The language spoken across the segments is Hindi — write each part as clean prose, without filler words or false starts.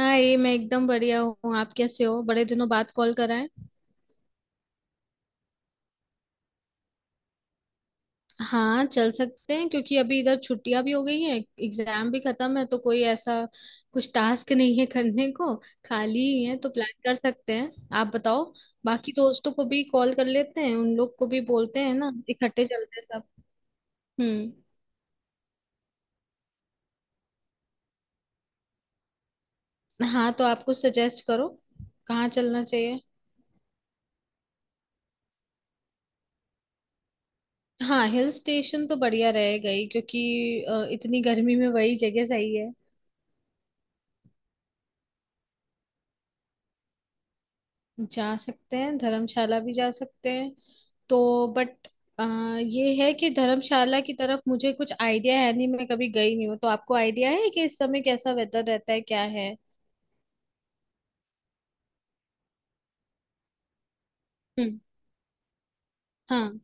हाँ, ये मैं एकदम बढ़िया हूँ। आप कैसे हो? बड़े दिनों बाद कॉल करा है। हाँ, चल सकते हैं क्योंकि अभी इधर छुट्टियां भी हो गई हैं। एग्जाम भी खत्म है तो कोई ऐसा कुछ टास्क नहीं है करने को। खाली ही है तो प्लान कर सकते हैं। आप बताओ। बाकी दोस्तों को भी कॉल कर लेते हैं, उन लोग को भी बोलते हैं ना, इकट्ठे चलते हैं सब। हम्म। हाँ तो आप कुछ सजेस्ट करो, कहाँ चलना चाहिए? हाँ, हिल स्टेशन तो बढ़िया रहेगा ही क्योंकि इतनी गर्मी में वही जगह सही है। जा सकते हैं, धर्मशाला भी जा सकते हैं। तो बट ये है कि धर्मशाला की तरफ मुझे कुछ आइडिया है नहीं, मैं कभी गई नहीं हूँ। तो आपको आइडिया है कि इस समय कैसा वेदर रहता है, क्या है? हम्म। हाँ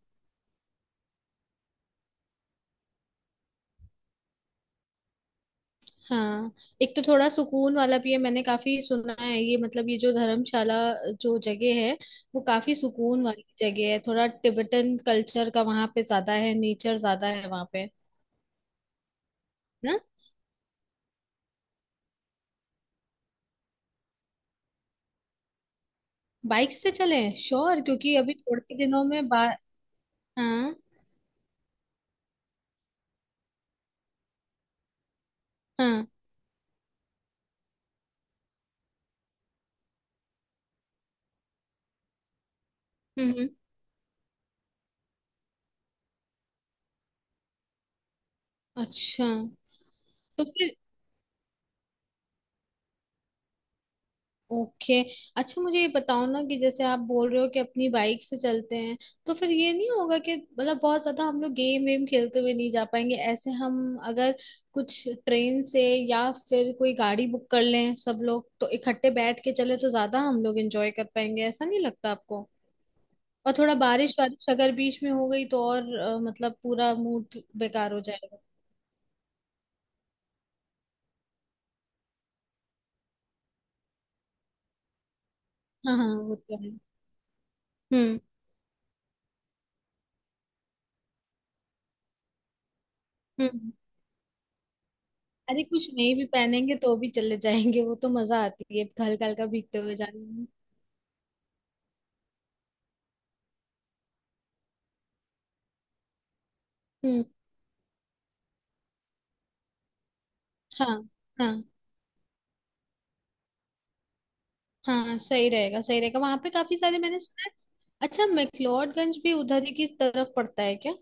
हाँ। एक तो थोड़ा सुकून वाला भी है, मैंने काफी सुना है ये, मतलब ये जो धर्मशाला जो जगह है वो काफी सुकून वाली जगह है। थोड़ा तिब्बतन कल्चर का वहां पे ज्यादा है, नेचर ज्यादा है वहां पे। ना बाइक से चलें श्योर, क्योंकि अभी थोड़े दिनों में बा हाँ हाँ। हम्म। अच्छा तो फिर ओके। अच्छा मुझे ये बताओ ना कि जैसे आप बोल रहे हो कि अपनी बाइक से चलते हैं, तो फिर ये नहीं होगा कि मतलब बहुत ज्यादा हम लोग गेम वेम खेलते हुए नहीं जा पाएंगे? ऐसे हम अगर कुछ ट्रेन से या फिर कोई गाड़ी बुक कर लें सब लोग, तो इकट्ठे बैठ के चले तो ज्यादा हम लोग एंजॉय कर पाएंगे, ऐसा नहीं लगता आपको? और थोड़ा बारिश वारिश अगर बीच में हो गई तो और मतलब पूरा मूड बेकार हो जाएगा। हाँ हाँ, वो तो है। हम्म। हम्म। अरे, कुछ नहीं भी पहनेंगे तो भी चले जाएंगे, वो तो मजा आती है हल्का हल्का भीगते हुए जाने में। हम्म। हाँ हाँ हाँ, सही रहेगा सही रहेगा। वहां पे काफी सारे मैंने सुना है। अच्छा, मैक्लोडगंज भी उधर ही की तरफ पड़ता है क्या?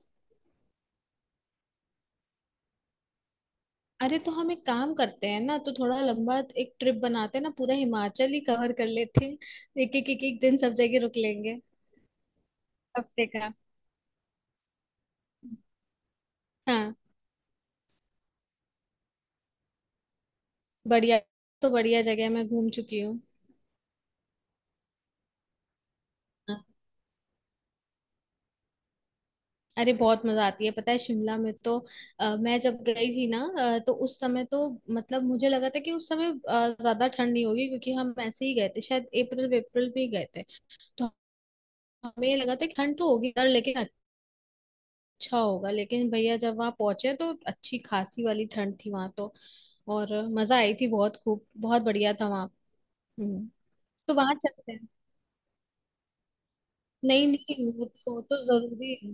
अरे, तो हम एक काम करते हैं ना, तो थोड़ा लंबा एक ट्रिप बनाते हैं ना, पूरा हिमाचल ही कवर कर लेते हैं। एक एक दिन सब जगह रुक लेंगे। हफ्ते का। हाँ, बढ़िया। तो बढ़िया जगह मैं घूम चुकी हूँ। अरे, बहुत मजा आती है पता है शिमला में तो। मैं जब गई थी ना, तो उस समय तो मतलब मुझे लगा था कि उस समय ज्यादा ठंड नहीं होगी क्योंकि हम ऐसे ही गए थे, शायद अप्रैल अप्रैल में ही गए थे। तो हमें ये लगा था कि ठंड तो होगी यार लेकिन अच्छा होगा, लेकिन भैया जब वहां पहुंचे तो अच्छी खासी वाली ठंड थी वहां तो, और मजा आई थी बहुत खूब, बहुत बढ़िया था वहां। हम्म। तो वहां चलते हैं। नहीं नहीं, वो तो जरूरी है,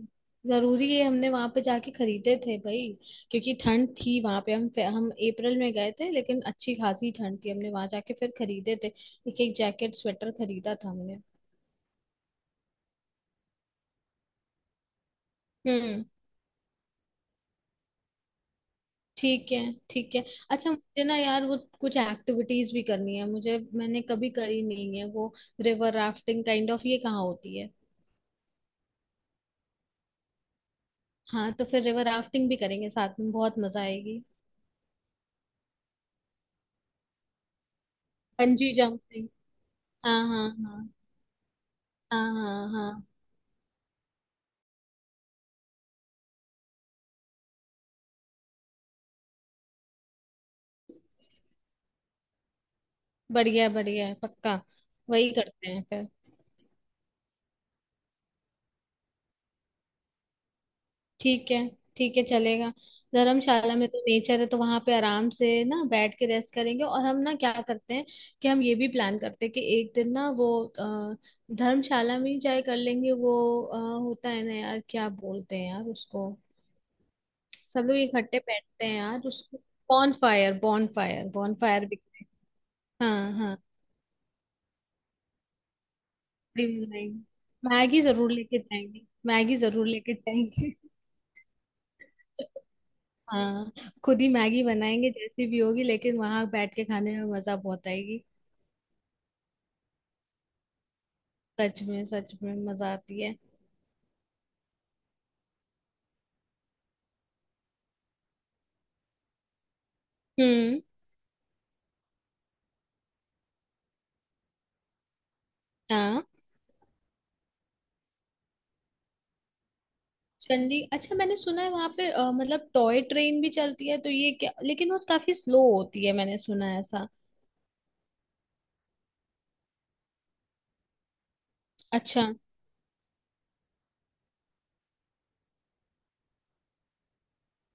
जरूरी है। हमने वहां पे जाके खरीदे थे भाई क्योंकि ठंड थी वहां पे। हम अप्रैल में गए थे लेकिन अच्छी खासी ठंड थी, हमने वहां जाके फिर खरीदे थे, एक एक जैकेट स्वेटर खरीदा था हमने। हम्म। ठीक है। ठीक है। अच्छा मुझे ना यार वो कुछ एक्टिविटीज भी करनी है, मुझे, मैंने कभी करी नहीं है वो। रिवर राफ्टिंग काइंड ऑफ ये कहाँ होती है? हाँ, तो फिर रिवर राफ्टिंग भी करेंगे साथ में, बहुत मजा आएगी। Bungee jumping. हाँ हाँ हाँ। हाँ हाँ हाँ। बढ़िया, बढ़िया है, पक्का। वही करते हैं फिर। ठीक है, ठीक है चलेगा। धर्मशाला में तो नेचर है तो वहां पे आराम से ना बैठ के रेस्ट करेंगे। और हम ना क्या करते हैं कि हम ये भी प्लान करते हैं कि एक दिन ना वो धर्मशाला में ही जाए कर लेंगे वो। अ, होता है ना यार, क्या बोलते हैं यार उसको? सब लोग इकट्ठे बैठते हैं यार उसको। बॉन फायर, बॉन फायर, बॉन फायर भी करें। हाँ हाँ। मैगी जरूर लेके जाएंगे। मैगी जरूर लेके जाएंगे। हाँ। खुद ही मैगी बनाएंगे जैसी भी होगी, लेकिन वहां बैठ के खाने में मजा बहुत आएगी। सच में, सच में मजा आती है। हम्म। हाँ। चंडी, अच्छा मैंने सुना है वहां पे मतलब टॉय ट्रेन भी चलती है तो ये क्या, लेकिन वो काफी स्लो होती है मैंने सुना है ऐसा। अच्छा।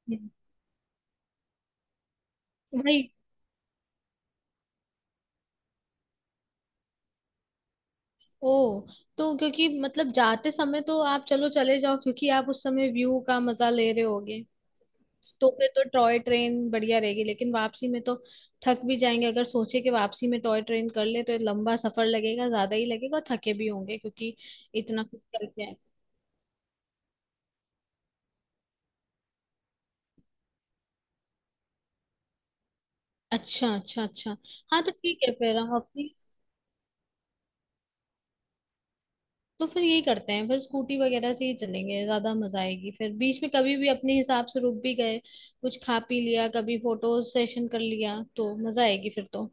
हम्म। वही। ओ, तो क्योंकि मतलब जाते समय तो आप चलो चले जाओ, क्योंकि आप उस समय व्यू का मजा ले रहे होगे, तो फिर तो टॉय ट्रेन बढ़िया रहेगी। लेकिन वापसी में तो थक भी जाएंगे, अगर सोचे कि वापसी में टॉय ट्रेन कर ले तो ये लंबा सफर लगेगा, ज्यादा ही लगेगा और थके भी होंगे क्योंकि इतना कुछ करके आए। अच्छा अच्छा अच्छा। हाँ, तो ठीक है। फिर हम अपनी, तो फिर यही करते हैं, फिर स्कूटी वगैरह से ही चलेंगे, ज्यादा मजा आएगी। फिर बीच में कभी भी अपने हिसाब से रुक भी गए, कुछ खा पी लिया, कभी फोटो सेशन कर लिया, तो मजा आएगी फिर तो।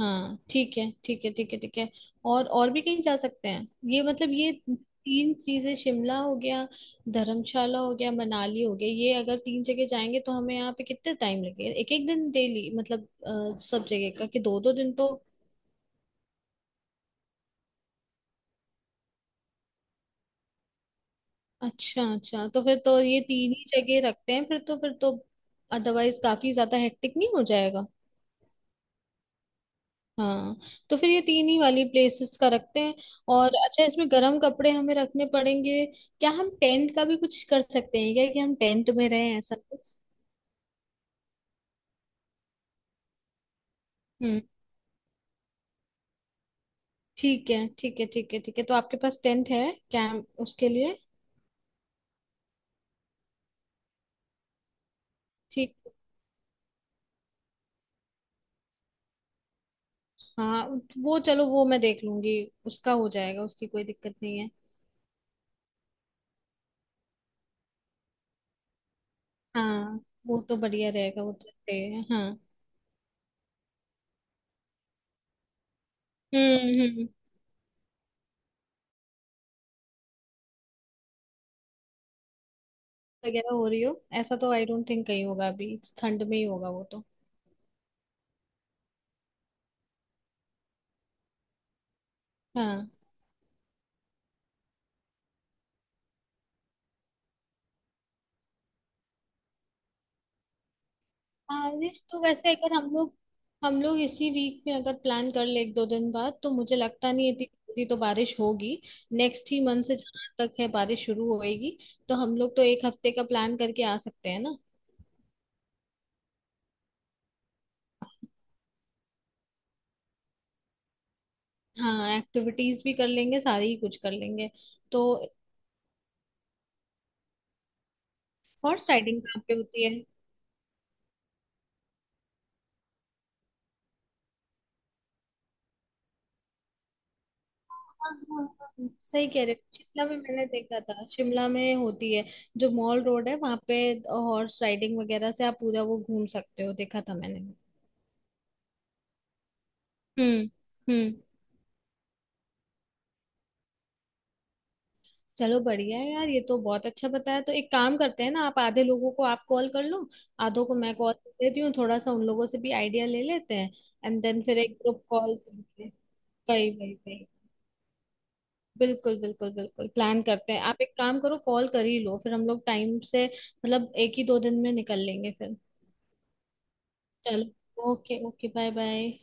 हाँ, ठीक है ठीक है ठीक है ठीक है। और भी कहीं जा सकते हैं? ये मतलब ये तीन चीजें, शिमला हो गया, धर्मशाला हो गया, मनाली हो गया। ये अगर तीन जगह जाएंगे तो हमें यहाँ पे कितने टाइम लगेगा, एक एक दिन डेली मतलब सब जगह का, कि दो दो दिन तो? अच्छा अच्छा, तो फिर तो ये तीन ही जगह रखते हैं फिर तो, अदरवाइज काफी ज्यादा हेक्टिक नहीं हो जाएगा? हाँ। तो फिर ये तीन ही वाली प्लेसेस का रखते हैं। और अच्छा, इसमें गर्म कपड़े हमें रखने पड़ेंगे क्या? हम टेंट का भी कुछ कर सकते हैं क्या, कि हम टेंट में रहें, ऐसा कुछ? हम्म। ठीक है ठीक है ठीक है ठीक है। तो आपके पास टेंट है, कैंप उसके लिए? ठीक। हाँ, वो चलो, वो मैं देख लूंगी, उसका हो जाएगा, उसकी कोई दिक्कत नहीं है। हाँ, वो तो बढ़िया रहेगा, वो तो रहेगा हाँ। हम्म। हम्म। वगैरह हो रही हो, ऐसा तो आई डोंट थिंक कहीं होगा, अभी ठंड में ही होगा वो तो। हाँ। हाँ, लिस्ट तो वैसे, अगर हम लोग इसी वीक में अगर प्लान कर ले, एक दो दिन बाद, तो मुझे लगता नहीं है इतनी जल्दी तो बारिश होगी। नेक्स्ट ही मंथ से जहाँ तक है बारिश शुरू होएगी, तो हम लोग तो एक हफ्ते का प्लान करके आ सकते हैं ना। हाँ, एक्टिविटीज भी कर लेंगे सारी ही, कुछ कर लेंगे। तो हॉर्स राइडिंग कहाँ पे होती है? हाँ, हाँ, हाँ, सही कह रहे हो, शिमला में मैंने देखा था, शिमला में होती है। जो मॉल रोड है वहां पे हॉर्स राइडिंग वगैरह से आप पूरा वो घूम सकते हो, देखा था मैंने। हम्म। हम्म। चलो बढ़िया है यार, ये तो बहुत अच्छा बताया। तो एक काम करते हैं ना, आप आधे लोगों को आप कॉल कर लो, आधों को मैं कॉल कर देती हूँ, थोड़ा सा उन लोगों से भी आइडिया ले लेते हैं। एंड देन फिर एक ग्रुप कॉल करके। भाई भाई भाई, बिल्कुल बिल्कुल बिल्कुल प्लान करते हैं। आप एक काम करो, कॉल कर ही लो, फिर हम लोग टाइम से मतलब एक ही दो दिन में निकल लेंगे फिर। चलो ओके ओके, बाय बाय।